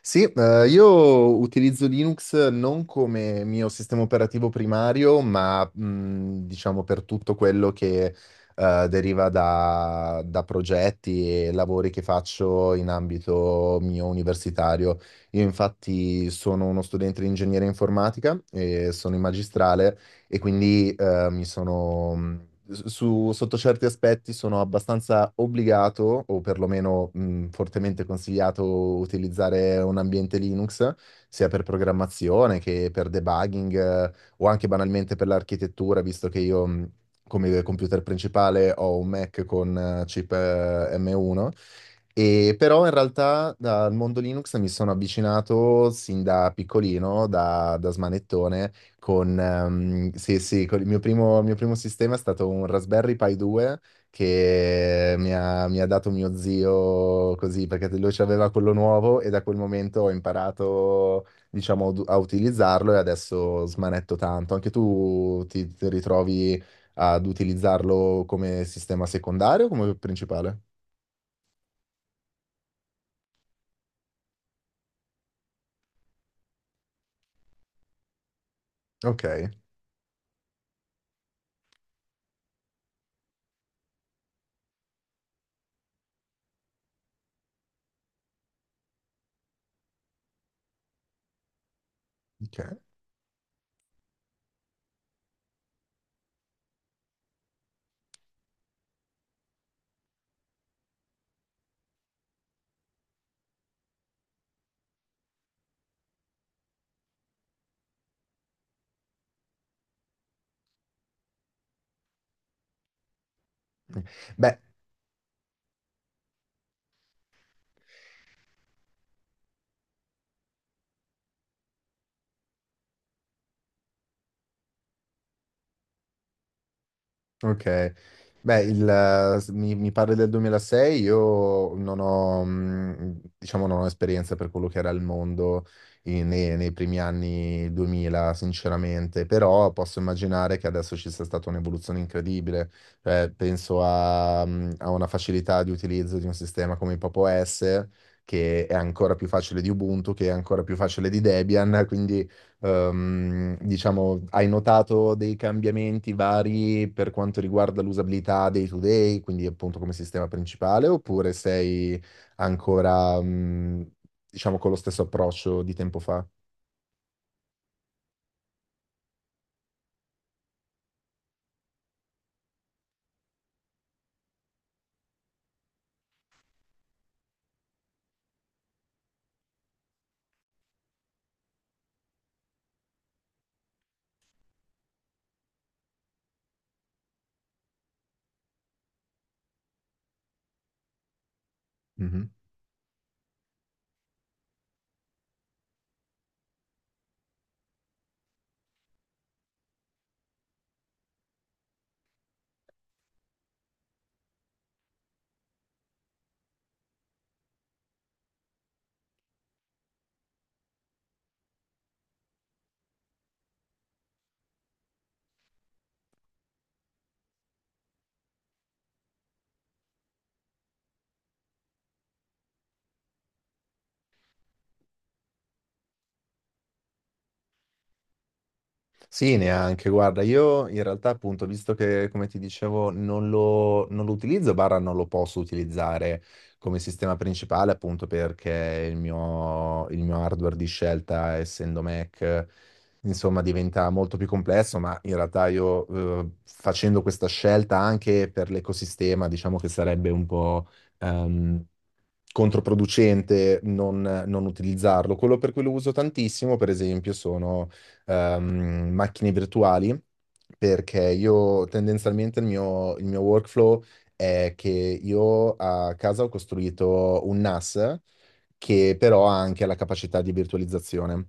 Sì, io utilizzo Linux non come mio sistema operativo primario, ma diciamo per tutto quello che deriva da progetti e lavori che faccio in ambito mio universitario. Io infatti sono uno studente di ingegneria informatica e sono in magistrale e quindi mi sono, sotto certi aspetti sono abbastanza obbligato, o perlomeno fortemente consigliato utilizzare un ambiente Linux, sia per programmazione che per debugging, o anche banalmente per l'architettura, visto che io come computer principale ho un Mac con chip M1. E però in realtà dal mondo Linux mi sono avvicinato sin da piccolino, da smanettone, sì, sì, con il mio primo sistema è stato un Raspberry Pi 2 che mi ha dato mio zio così, perché lui ci aveva quello nuovo e da quel momento ho imparato, diciamo, a utilizzarlo e adesso smanetto tanto. Anche tu ti ritrovi ad utilizzarlo come sistema secondario o come principale? Ok, ok. Beh, ok, beh, il, mi parli del 2006, io non ho, diciamo, non ho esperienza per quello che era il mondo nei primi anni 2000, sinceramente, però posso immaginare che adesso ci sia stata un'evoluzione incredibile. Cioè, penso a una facilità di utilizzo di un sistema come Pop OS, che è ancora più facile di Ubuntu, che è ancora più facile di Debian, quindi diciamo, hai notato dei cambiamenti vari per quanto riguarda l'usabilità day to day, quindi appunto come sistema principale, oppure sei ancora, diciamo, con lo stesso approccio di tempo fa? Sì, neanche. Guarda, io in realtà appunto, visto che come ti dicevo non lo utilizzo, barra non lo posso utilizzare come sistema principale appunto perché il mio hardware di scelta, essendo Mac, insomma diventa molto più complesso, ma in realtà io facendo questa scelta anche per l'ecosistema, diciamo che sarebbe un po' ehm, controproducente non utilizzarlo. Quello per cui lo uso tantissimo, per esempio, sono macchine virtuali, perché io tendenzialmente il mio workflow è che io a casa ho costruito un NAS che però ha anche la capacità di virtualizzazione.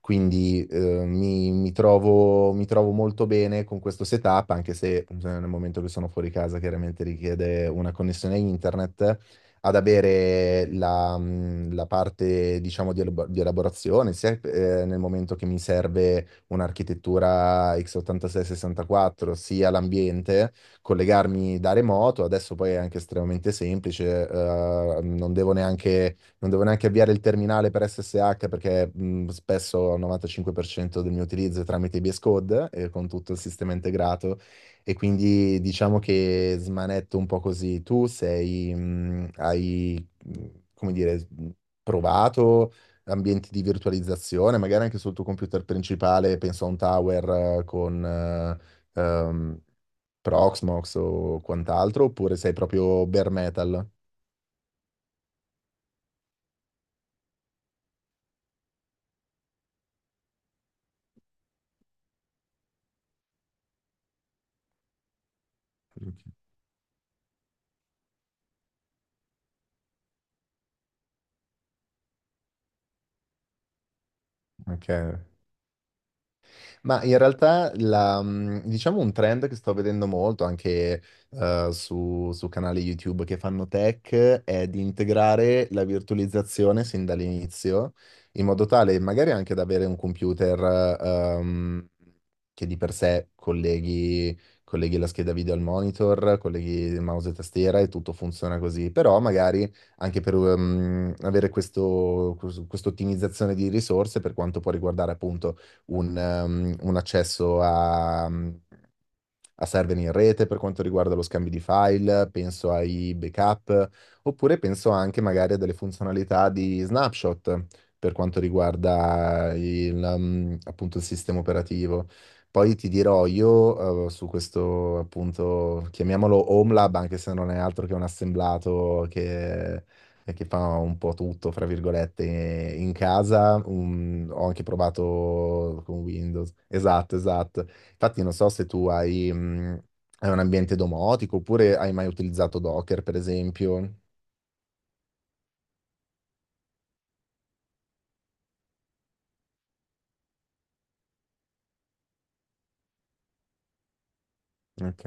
Quindi mi trovo molto bene con questo setup, anche se nel momento che sono fuori casa chiaramente richiede una connessione internet, ad avere la parte, diciamo, di elaborazione, sia nel momento che mi serve un'architettura x86-64, sia l'ambiente, collegarmi da remoto, adesso poi è anche estremamente semplice, non devo neanche avviare il terminale per SSH perché spesso il 95% del mio utilizzo è tramite VS Code e con tutto il sistema integrato e quindi diciamo che smanetto un po' così. Tu sei, hai, come dire, provato ambienti di virtualizzazione, magari anche sul tuo computer principale, penso a un tower con Proxmox o quant'altro, oppure sei proprio bare metal? Ok. Ma in realtà diciamo un trend che sto vedendo molto anche su canali YouTube che fanno tech è di integrare la virtualizzazione sin dall'inizio, in modo tale magari anche ad avere un computer ehm, che di per sé colleghi, colleghi la scheda video al monitor, colleghi il mouse e tastiera e tutto funziona così, però magari anche per avere questa ottimizzazione di risorse per quanto può riguardare appunto un accesso a server in rete per quanto riguarda lo scambio di file, penso ai backup, oppure penso anche magari a delle funzionalità di snapshot per quanto riguarda il, appunto il sistema operativo. Poi ti dirò io, su questo appunto, chiamiamolo Home Lab, anche se non è altro che un assemblato che fa un po' tutto, fra virgolette, in casa. Ho anche provato con Windows. Esatto, esatto. Infatti non so se tu hai un ambiente domotico oppure hai mai utilizzato Docker, per esempio. Ok,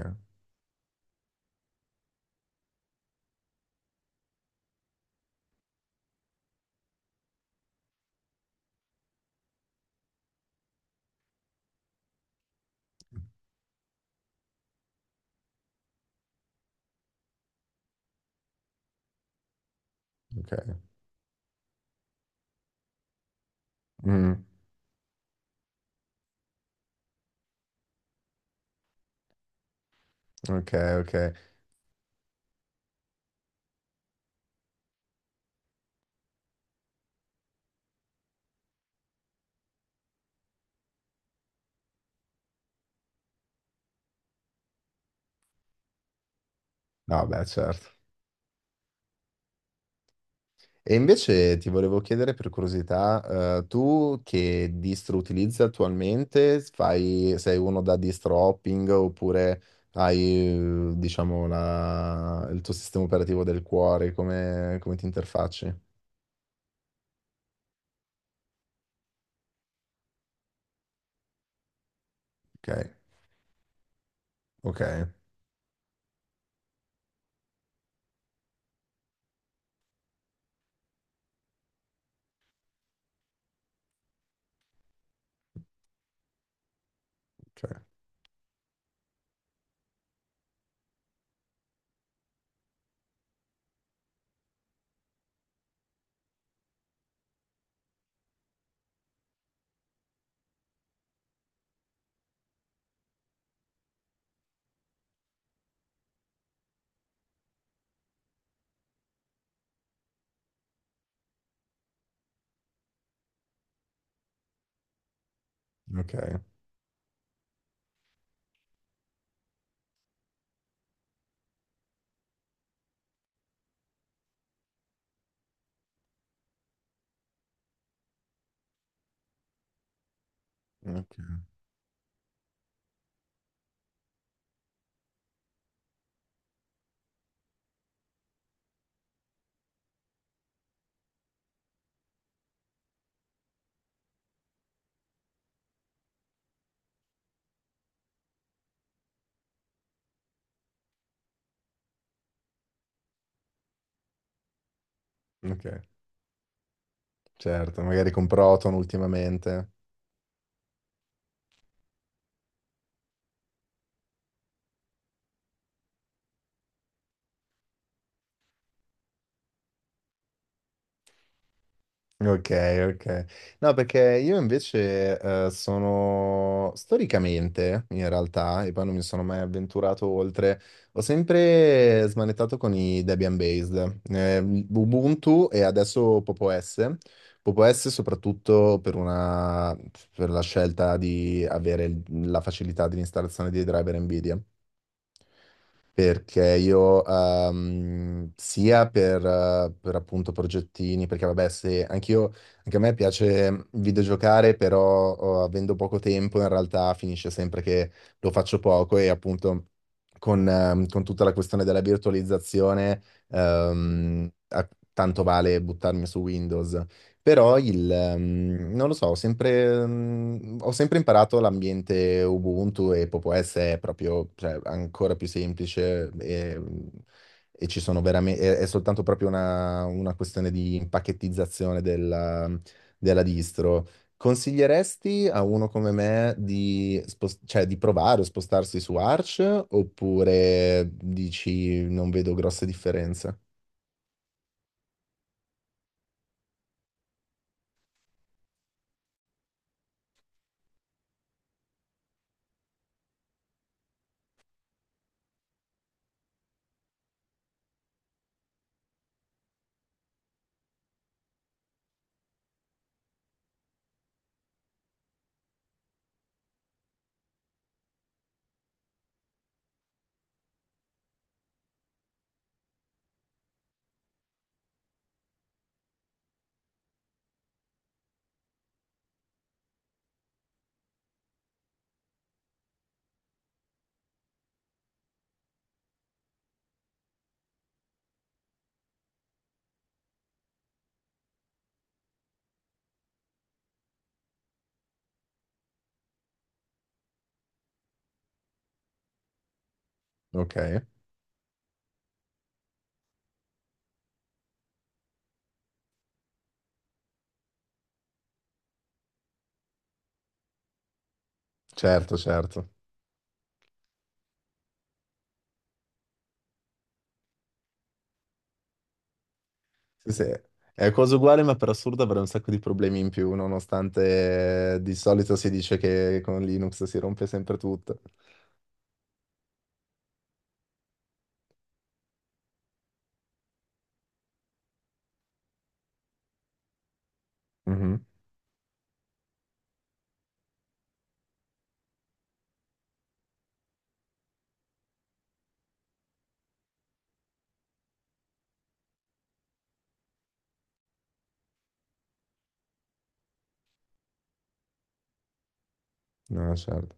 ok. Mm, ok, ok. No, beh, certo. E invece ti volevo chiedere per curiosità, tu che distro utilizzi attualmente? Sei uno da distro hopping oppure hai, diciamo, il tuo sistema operativo del cuore? Come ti interfacci? Ok, ok, ok, ok, ok. Ok. Certo, magari con Proton ultimamente. Ok, ok. No, perché io invece sono storicamente, in realtà, e poi non mi sono mai avventurato oltre, ho sempre smanettato con i Debian based, Ubuntu e adesso Popo S. Popo S soprattutto per la scelta di avere la facilità di installazione dei driver NVIDIA. Perché io, sia per appunto progettini, perché vabbè, se anch'io, anche a me piace videgiocare, però oh, avendo poco tempo in realtà finisce sempre che lo faccio poco e appunto con tutta la questione della virtualizzazione, tanto vale buttarmi su Windows. Però non lo so, ho sempre imparato l'ambiente Ubuntu e Popo OS è proprio, cioè, ancora più semplice e ci sono veramente, è soltanto proprio una questione di impacchettizzazione della distro. Consiglieresti a uno come me di, cioè, di provare o spostarsi su Arch oppure dici non vedo grosse differenze? Ok, certo, certo. Sì, sì. È cosa uguale, ma per assurdo avrei un sacco di problemi in più, nonostante di solito si dice che con Linux si rompe sempre tutto. Mhm. No, certo.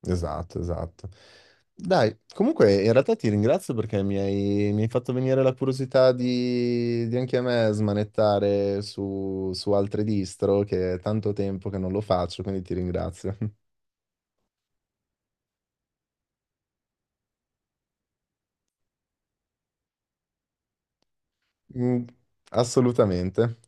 Esatto, esatto. Dai, comunque in realtà ti ringrazio perché mi hai fatto venire la curiosità di, anche a me smanettare su altre distro, che è tanto tempo che non lo faccio, quindi ti ringrazio. Mm, assolutamente.